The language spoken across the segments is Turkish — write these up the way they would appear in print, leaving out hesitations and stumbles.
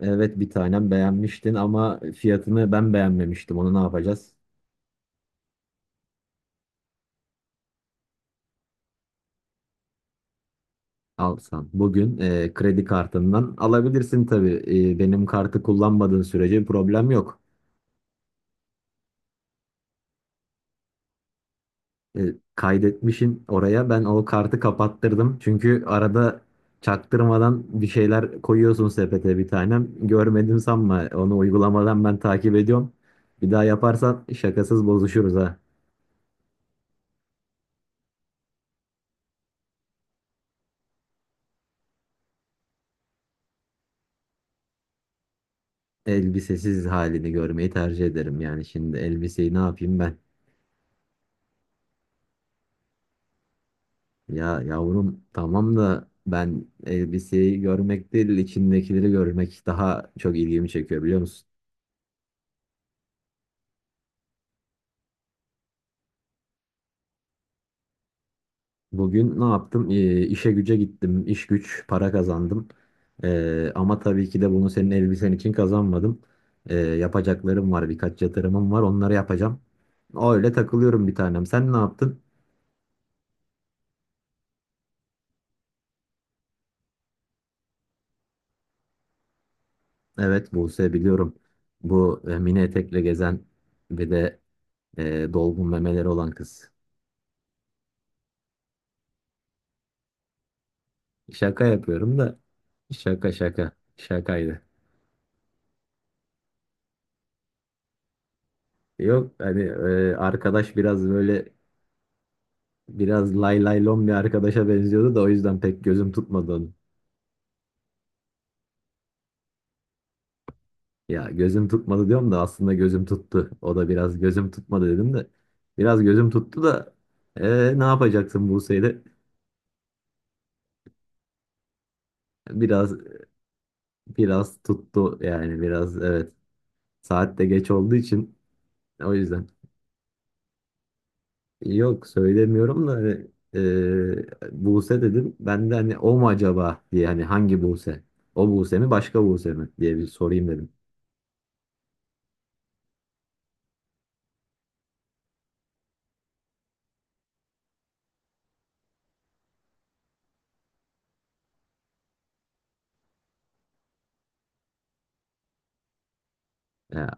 Evet bir tanem beğenmiştin ama fiyatını ben beğenmemiştim. Onu ne yapacağız? Alsan. Bugün kredi kartından alabilirsin tabii. Benim kartı kullanmadığın sürece problem yok. E, kaydetmişin oraya. Ben o kartı kapattırdım. Çünkü arada çaktırmadan bir şeyler koyuyorsun sepete bir tanem. Görmedim sanma. Onu uygulamadan ben takip ediyorum. Bir daha yaparsan şakasız bozuşuruz ha. Elbisesiz halini görmeyi tercih ederim. Yani şimdi elbiseyi ne yapayım ben? Ya yavrum tamam da ben elbiseyi görmek değil içindekileri görmek daha çok ilgimi çekiyor biliyor musun? Bugün ne yaptım? İşe güce gittim. İş güç para kazandım. Ama tabii ki de bunu senin elbisen için kazanmadım. Yapacaklarım var, birkaç yatırımım var, onları yapacağım. Öyle takılıyorum bir tanem. Sen ne yaptın? Evet, Buse biliyorum. Bu mini etekle gezen ve de dolgun memeleri olan kız. Şaka yapıyorum da. Şaka şaka. Şakaydı. Yok hani arkadaş biraz böyle biraz lay lay lom bir arkadaşa benziyordu da o yüzden pek gözüm tutmadı onu. Ya gözüm tutmadı diyorum da aslında gözüm tuttu. O da biraz gözüm tutmadı dedim de. Biraz gözüm tuttu da ne yapacaksın Buse'yle? Biraz biraz tuttu yani, biraz evet. Saat de geç olduğu için o yüzden. Yok söylemiyorum da hani, Buse dedim. Ben de hani o mu acaba diye, hani hangi Buse? O Buse mi başka Buse mi diye bir sorayım dedim. Ya,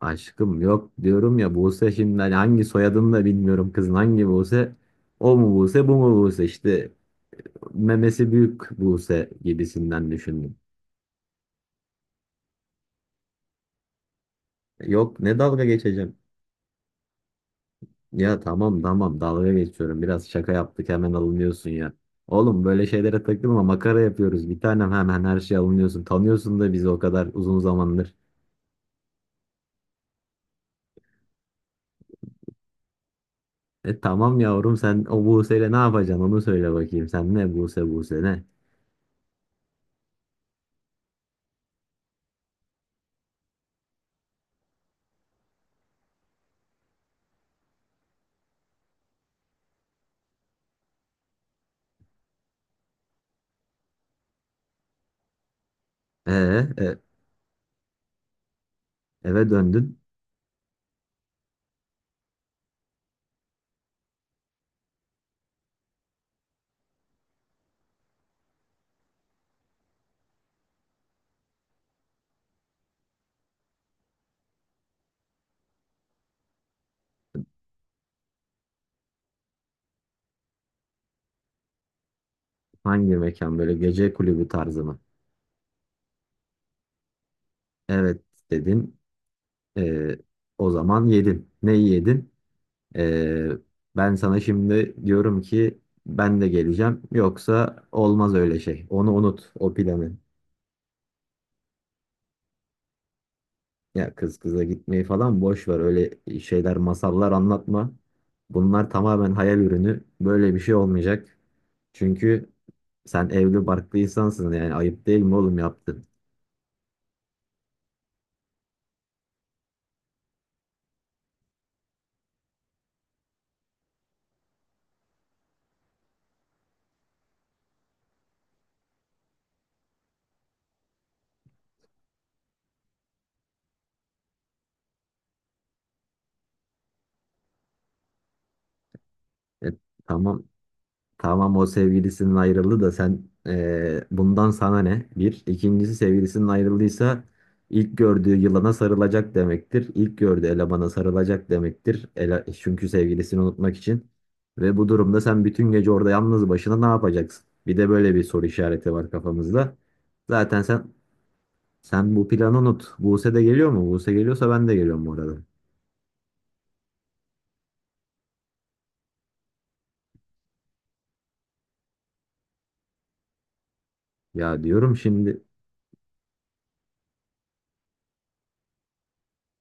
aşkım yok diyorum ya, Buse şimdi, hani hangi soyadını da bilmiyorum kızın, hangi Buse? O mu Buse, bu mu Buse, işte memesi büyük Buse gibisinden düşündüm. Yok, ne dalga geçeceğim. Ya tamam tamam, dalga geçiyorum. Biraz şaka yaptık hemen alınıyorsun ya. Oğlum böyle şeylere takılma, makara yapıyoruz. Bir tanem hemen her şey alınıyorsun. Tanıyorsun da bizi o kadar uzun zamandır. E tamam yavrum, sen o Buse'yle ne yapacaksın onu söyle bakayım. Sen ne Buse Buse ne? E, e, eve döndün. Hangi mekan, böyle gece kulübü tarzı mı? Evet dedin. E, o zaman yedin. Neyi yedin? Ee, ben sana şimdi diyorum ki ben de geleceğim. Yoksa olmaz öyle şey. Onu unut, o planı. Ya kız kıza gitmeyi falan boş ver. Öyle şeyler, masallar anlatma. Bunlar tamamen hayal ürünü. Böyle bir şey olmayacak. Çünkü sen evli barklı insansın, yani ayıp değil mi oğlum yaptın? E, tamam Tamam o, sevgilisinin ayrıldı da sen bundan sana ne? Bir. İkincisi, sevgilisinin ayrıldıysa ilk gördüğü yılana sarılacak demektir. İlk gördüğü elemana sarılacak demektir. Çünkü sevgilisini unutmak için. Ve bu durumda sen bütün gece orada yalnız başına ne yapacaksın? Bir de böyle bir soru işareti var kafamızda. Zaten sen bu planı unut. Buse de geliyor mu? Buse geliyorsa ben de geliyorum bu arada. Ya diyorum şimdi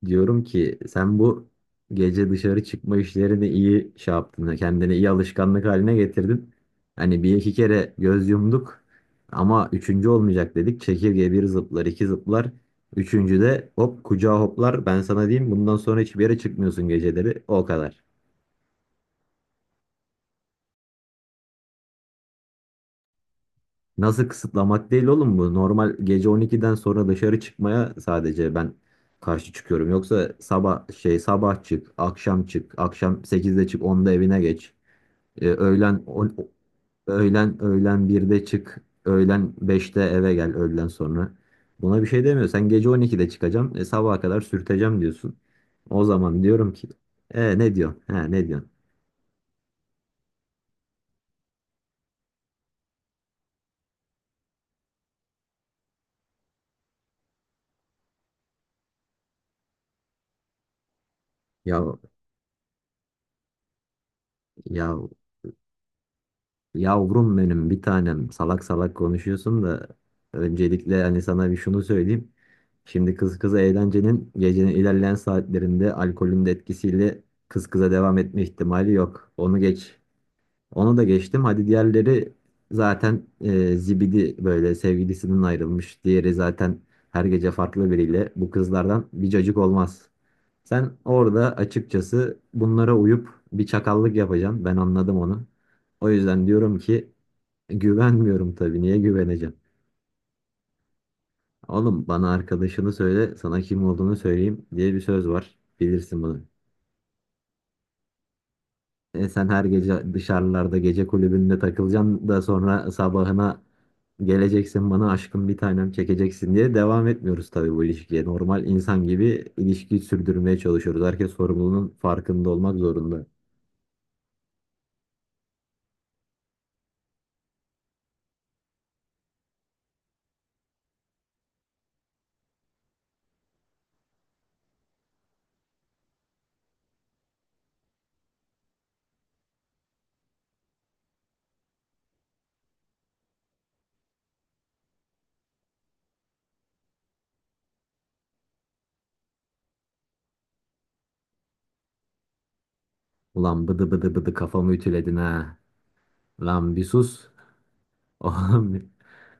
Diyorum ki sen bu gece dışarı çıkma işlerini iyi şey yaptın. Kendini iyi alışkanlık haline getirdin. Hani bir iki kere göz yumduk ama üçüncü olmayacak dedik. Çekirge bir zıplar, iki zıplar. Üçüncü de hop kucağa hoplar. Ben sana diyeyim, bundan sonra hiçbir yere çıkmıyorsun geceleri. O kadar. Nasıl kısıtlamak değil oğlum bu. Normal gece 12'den sonra dışarı çıkmaya sadece ben karşı çıkıyorum. Yoksa sabah şey, sabah çık, akşam çık, akşam 8'de çık, 10'da evine geç. E, öğlen on- öğlen 1'de çık, öğlen 5'te eve gel öğlen sonra. Buna bir şey demiyor. Sen gece 12'de çıkacağım, sabaha kadar sürteceğim diyorsun. O zaman diyorum ki, ne diyorsun? Ha ne diyorsun? Ya ya yavrum benim bir tanem salak salak konuşuyorsun da öncelikle hani sana bir şunu söyleyeyim. Şimdi kız kıza eğlencenin gecenin ilerleyen saatlerinde alkolün de etkisiyle kız kıza devam etme ihtimali yok. Onu geç. Onu da geçtim. Hadi diğerleri zaten zibidi böyle sevgilisinden ayrılmış. Diğeri zaten her gece farklı biriyle. Bu kızlardan bir cacık olmaz. Sen orada açıkçası bunlara uyup bir çakallık yapacaksın. Ben anladım onu. O yüzden diyorum ki, güvenmiyorum tabii. Niye güveneceğim? Oğlum, bana arkadaşını söyle, sana kim olduğunu söyleyeyim diye bir söz var. Bilirsin bunu. Sen her gece dışarılarda gece kulübünde takılacaksın da sonra sabahına geleceksin bana aşkım bir tanem çekeceksin diye devam etmiyoruz tabii bu ilişkiye. Normal insan gibi ilişkiyi sürdürmeye çalışıyoruz. Herkes sorumluluğunun farkında olmak zorunda. Ulan bıdı bıdı bıdı kafamı ütüledin ha. Lan bir sus. Oğlum bir-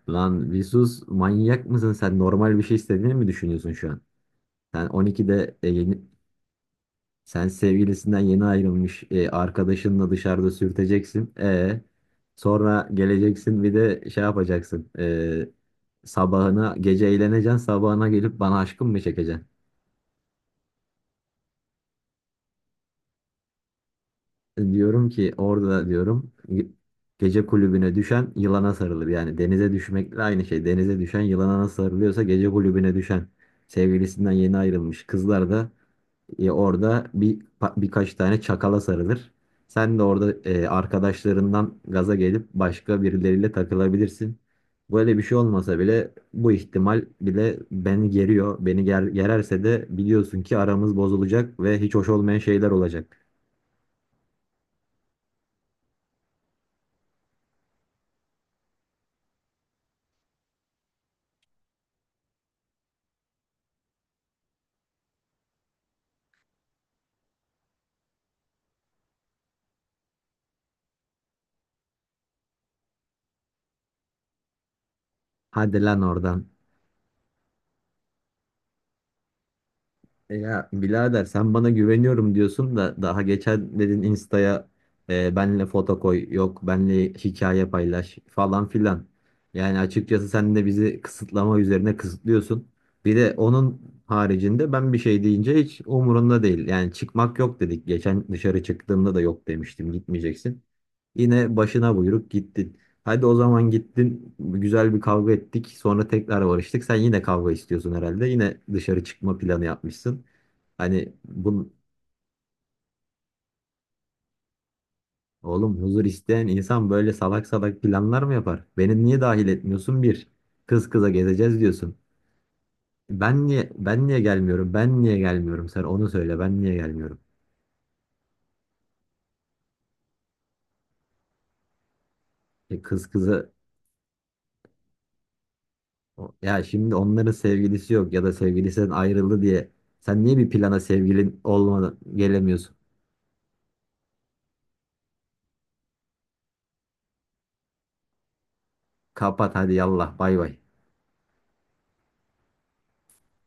Lan bir sus, manyak mısın sen, normal bir şey istediğini mi düşünüyorsun şu an? Sen 12'de e, yeni- Sen sevgilisinden yeni ayrılmış arkadaşınla dışarıda sürteceksin. Sonra geleceksin bir de şey yapacaksın. Sabahına gece eğleneceksin. Sabahına gelip bana aşkım mı çekeceksin? Diyorum ki orada gece kulübüne düşen yılana sarılır. Yani denize düşmekle aynı şey. Denize düşen yılana nasıl sarılıyorsa gece kulübüne düşen sevgilisinden yeni ayrılmış kızlar da orada bir birkaç tane çakala sarılır. Sen de orada arkadaşlarından gaza gelip başka birileriyle takılabilirsin. Böyle bir şey olmasa bile bu ihtimal bile beni geriyor. Beni gererse de biliyorsun ki aramız bozulacak ve hiç hoş olmayan şeyler olacak. Hadi lan oradan. Ya birader, sen bana güveniyorum diyorsun da daha geçen dedin Insta'ya benle foto koy, yok benle hikaye paylaş falan filan. Yani açıkçası sen de bizi kısıtlama üzerine kısıtlıyorsun. Bir de onun haricinde ben bir şey deyince hiç umurunda değil. Yani çıkmak yok dedik. Geçen dışarı çıktığımda da yok demiştim, gitmeyeceksin. Yine başına buyruk gittin. Hadi o zaman gittin, güzel bir kavga ettik, sonra tekrar barıştık. Sen yine kavga istiyorsun herhalde. Yine dışarı çıkma planı yapmışsın. Hani bu oğlum huzur isteyen insan böyle salak salak planlar mı yapar? Beni niye dahil etmiyorsun bir? Kız kıza gezeceğiz diyorsun. Ben niye gelmiyorum? Ben niye gelmiyorum? Sen onu söyle. Ben niye gelmiyorum? Kız kızı ya şimdi onların sevgilisi yok ya da sevgilisinden ayrıldı diye sen niye bir plana sevgilin olmadan gelemiyorsun? Kapat hadi, yallah, bay bay.